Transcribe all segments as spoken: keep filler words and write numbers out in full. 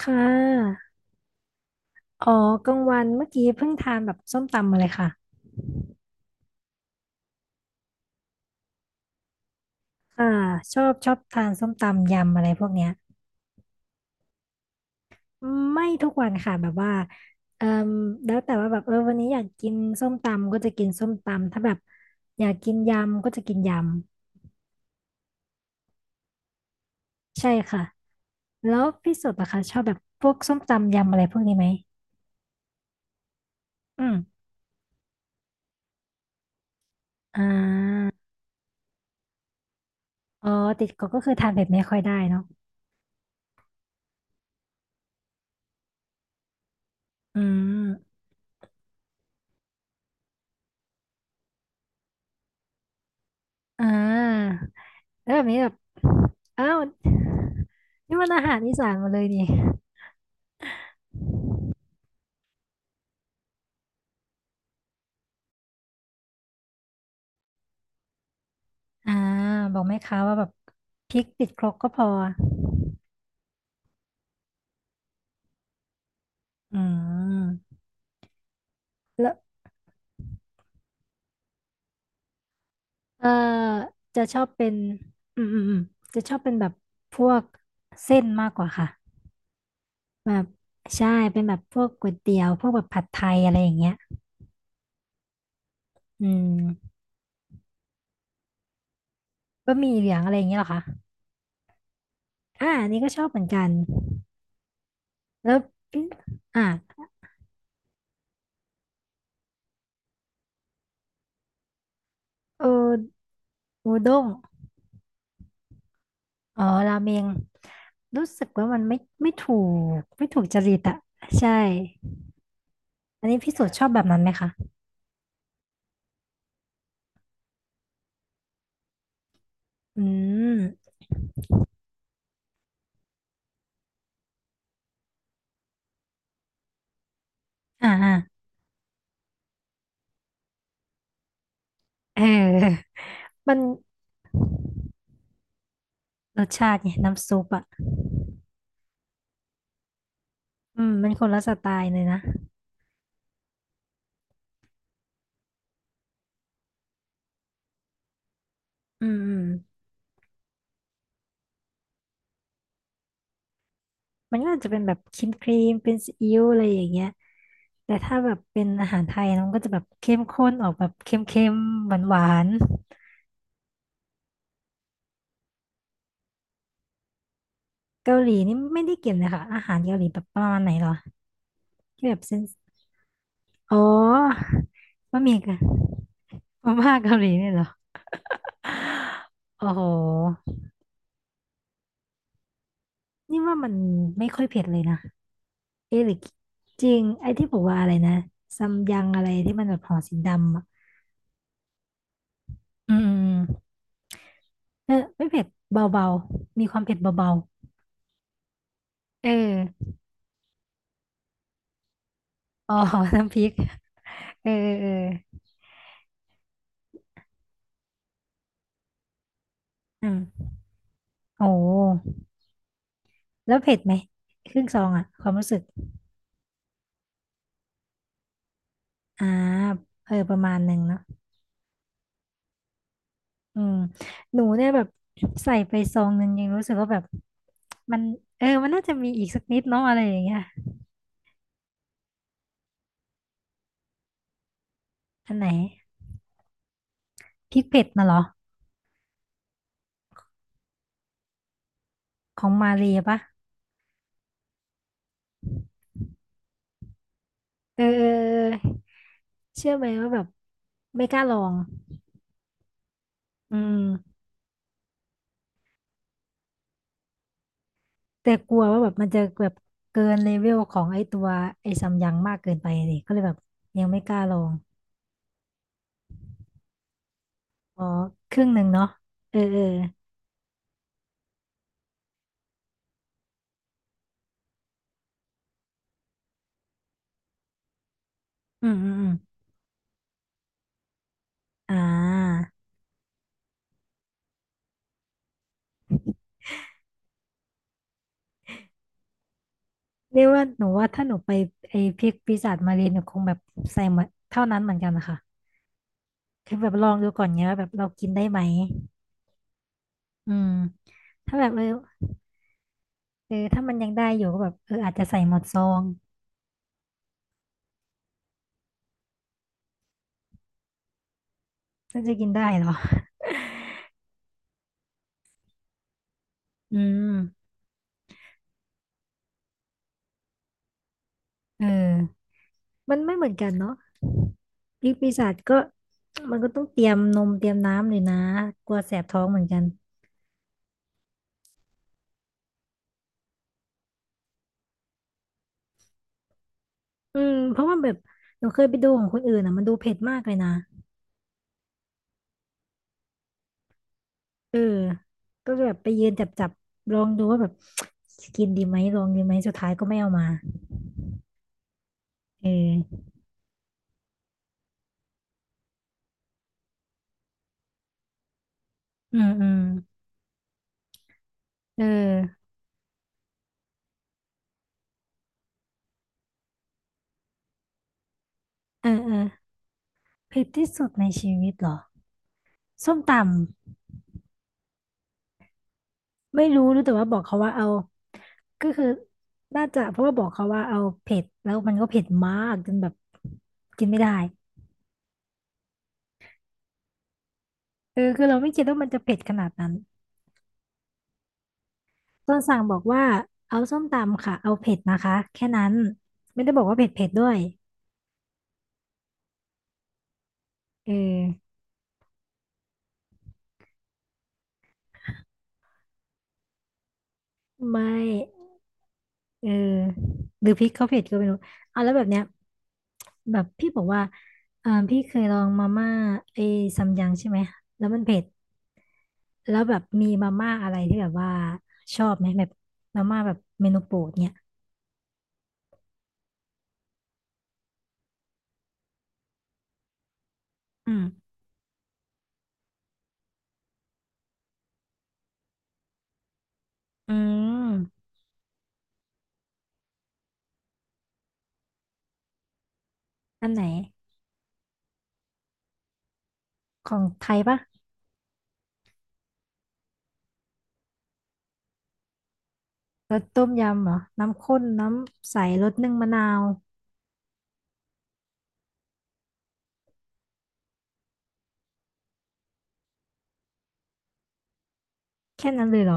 ค่ะ อ๋อกลางวันเมื่อกี้เพิ่งทานแบบส้มตำมาเลยค่ะอ่าชอบชอบทานส้มตำยำอะไรพวกเนี้ยไม่ทุกวันค่ะแบบว่าเอ่อแล้วแต่ว่าแบบเออวันนี้อยากกินส้มตำก็จะกินส้มตำถ้าแบบอยากกินยำก็จะกินยำใช่ค่ะ แล้วพี่สุดอะคะชอบแบบพวกส้มตำยำอะไรพวกนี้ไหมอืมอ่าอ๋อติดก็ก็คือทานเผ็ดไม่ค่อยได้เนาะอืม อ่าแล้วแบบนี้แบบอ้าวนี่มันอาหารอีสานหมาเลยนี่อ่าบอกแม่ค้าว่าแบบพริกติดครกก็พออืมแล้วเออจะชอบเป็นอืมอืมอืมจะชอบเป็นแบบพวกเส้นมากกว่าค่ะแบบใช่เป็นแบบพวกก๋วยเตี๋ยวพวกแบบผัดไทยอะไรอย่างเงี้ยอืมบะหมี่เหลืองอะไรอย่างเงี้ยเหรอคะอ่าอันนี่ก็ชอบเหมือนกันแล้วพี่อ่าโออูด้ง อ๋อราเมงรู้สึกว่ามันไม่ไม่ถูกไม่ถูกจริตอะใช่อันนี้พี่สุชอบแบบนั้นไหมคะอืมอ่าอ่าเออมันรสชาติไงน้ำซุปอะอืมมันคนละสไตล์เลยนะอืมอืมมันก็อาจจะเป็นแบบครีมครีมเป็นซีอิ๊วอะไรอย่างเงี้ยแต่ถ้าแบบเป็นอาหารไทยนะมันก็จะแบบเข้มข้นออกแบบเค็มๆหวานๆเกาหลีนี่ไม่ได้กินเลยค่ะอาหารเกาหลีแบบประมาณไหนเหรอที่แบบเส้น อ๋อบะหมี่กันมาม่าเกาหลีเนี่ยเหรอโอ้โหนี่ว่ามันไม่ค่อยเผ็ดเลยนะเอ๊ะหรือจริงไอ้ที่บอกว่าอะไรนะซัมยังอะไรที่มันแบบห่อสีดำอ่ะอืมอืมเออไม่เผ็ดเบาๆ มีความเผ็ดเบาๆเอออ๋อน้ำพริกเออเออเอออืมโอ้โหแล้วเผ็ดไหมครึ่งซองอ่ะความรู้สึกอ่าเออประมาณหนึ่งเนอะ อืมหนูเนี่ยแบบใส่ไปซองหนึ่งยังรู้สึกว่าแบบมันเออมันน่าจะมีอีกสักนิดเนาะอะไรอย่างเงี้ยอันไหนพริกเผ็ดน่ะเหรอของมาเรียปะเออเออเออเชื่อไหมว่าแบบไม่กล้าลองอืมแต่กลัวว่าแบบมันจะแบบเกินเลเวลของไอ้ตัวไอ้ซัมยังมากเกินไปเลยก็เลยแบบยังไม่กล้าลองอ๋อครึ่งหนึ่งเนาะเออเอออืมอืมอืมอ่า เรียกว่าหนูว่าถ้าหนูไปไอ้พริกปีศาจมาเรียนหนูคงแบบใส่หมดเท่านั้นเหมือนกันนะคะคือแบบลองดูก่อนเนี้ยว่าแบบเรากินได้ไหมอืมถ้าแบบเออเออถ้ามันยังได้อยู่ก็แบบเอออาจจะใส่หมดซองน่าจะกินได้เหรออืมเออมันไม่เหมือนกันเนาะพริกปีศาจก็มันก็ต้องเตรียมนมเตรียมน้ำเลยนะกลัวแสบท้องเหมือนกันอืมเพราะว่าแบบหนูเคยไปดูของคนอื่นอ่ะมันดูเผ็ดมากเลยนะ เออก็แบบไปยืนจับจับลองดูว่าแบบ กินดีไหมลองดีไหมสุดท้ายก็ไม่เอามาเอออืมอืมเออเออเออเผ็ดที่สุดในชีวิตเหรอส้มตำไม่รู้รู้แต่ว่าบอกเขาว่าเอาก็คือน่าจะเพราะว่าบอกเขาว่าเอาเผ็ดแล้วมันก็เผ็ดมากจนแบบกินไม่ได้เออคือเราไม่คิดว่ามันจะเผ็ดขนาดนั้นต้นสั่งบอกว่าเอาส้มตำค่ะเอาเผ็ดนะคะแค่นั้นไม่ได้บอกว่าเผ็ดเผ็ดด้วยเออไม่ เออหรือพริกเขาเผ็ดก็ไม่รู้อ่ะแล้วแบบเนี้ยแบบพี่บอกว่าอ่าพี่เคยลองมาม่าไอ้ซัมยังใช่ไหมแล้วมันเผ็ดแล้วแบบมีมาม่าอะไรที่แบบว่าชอบไหมแบบมาม่าแบบเมนูโปรดเนี่ยอืมอืมอันไหนของไทยปะรสต้มยำเหรอน้ำข้นน้ำใสรสนึ่งมะนาวแค่นั้นเลยเหรอ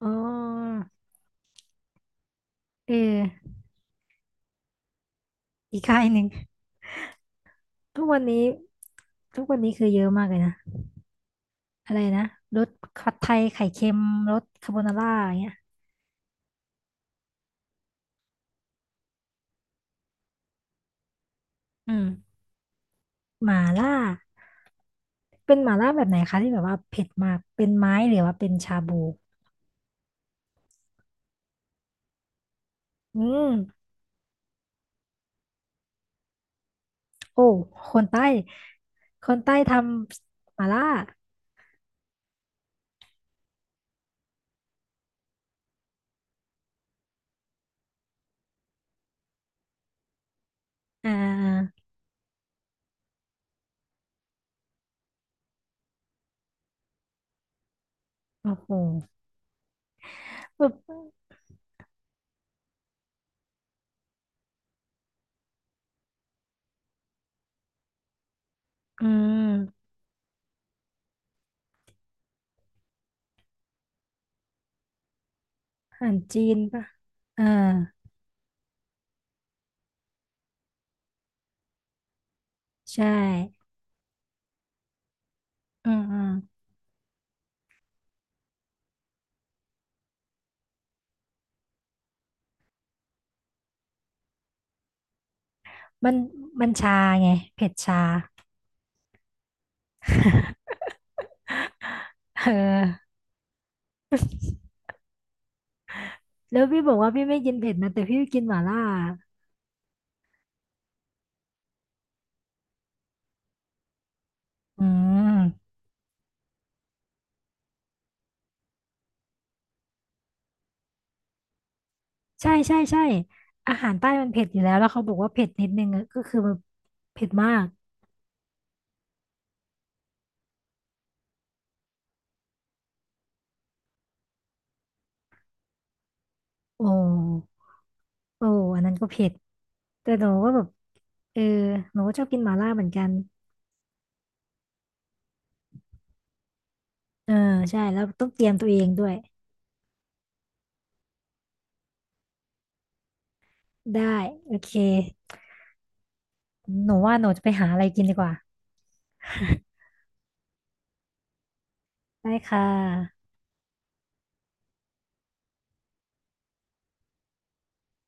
อ๋อเอออีก ค่ายหนึ่งทุกวันนี้ทุกวันนี้คือเยอะมากเลยนะ อะไรนะรสผัดไทยไข่เค็มรสคาโบนาร่าอย่างเงี้ยอืมหมาล่าเป็นหมาล่าแบบไหนคะที่แบบว่าเผ็ดมากเป็นไม้หรือว่าเป็นชาบูอืมโอ้คนใต้คนใต้ทำหมาล่าอ่าโอ้โหแบบอืมอาหารจีนปะอ่าใช่อืมอืมมันมันชาไงเผ็ดชาเออแล้วพี่บอกว่าพี่ไม่กินเผ็ดนะแต่พี่กินหม่าล่าอืม ใช่ใช่ใช่อาหารใต้มันเผ็ดอยู่แล้วแล้วเขาบอกว่าเผ็ดนิดนึงอะก็คือแบบเผ็ดมากโอ้โอ้อันนั้นก็เผ็ดแต่หนูก็แบบเออหนูก็ชอบกินหม่าล่าเหมือนกันเออใช่แล้วต้องเตรียมตัวเองด้วยได้โอเคหนูว่าหนูจะไปหาอะไรกินดีกว่า ได้ค่ะ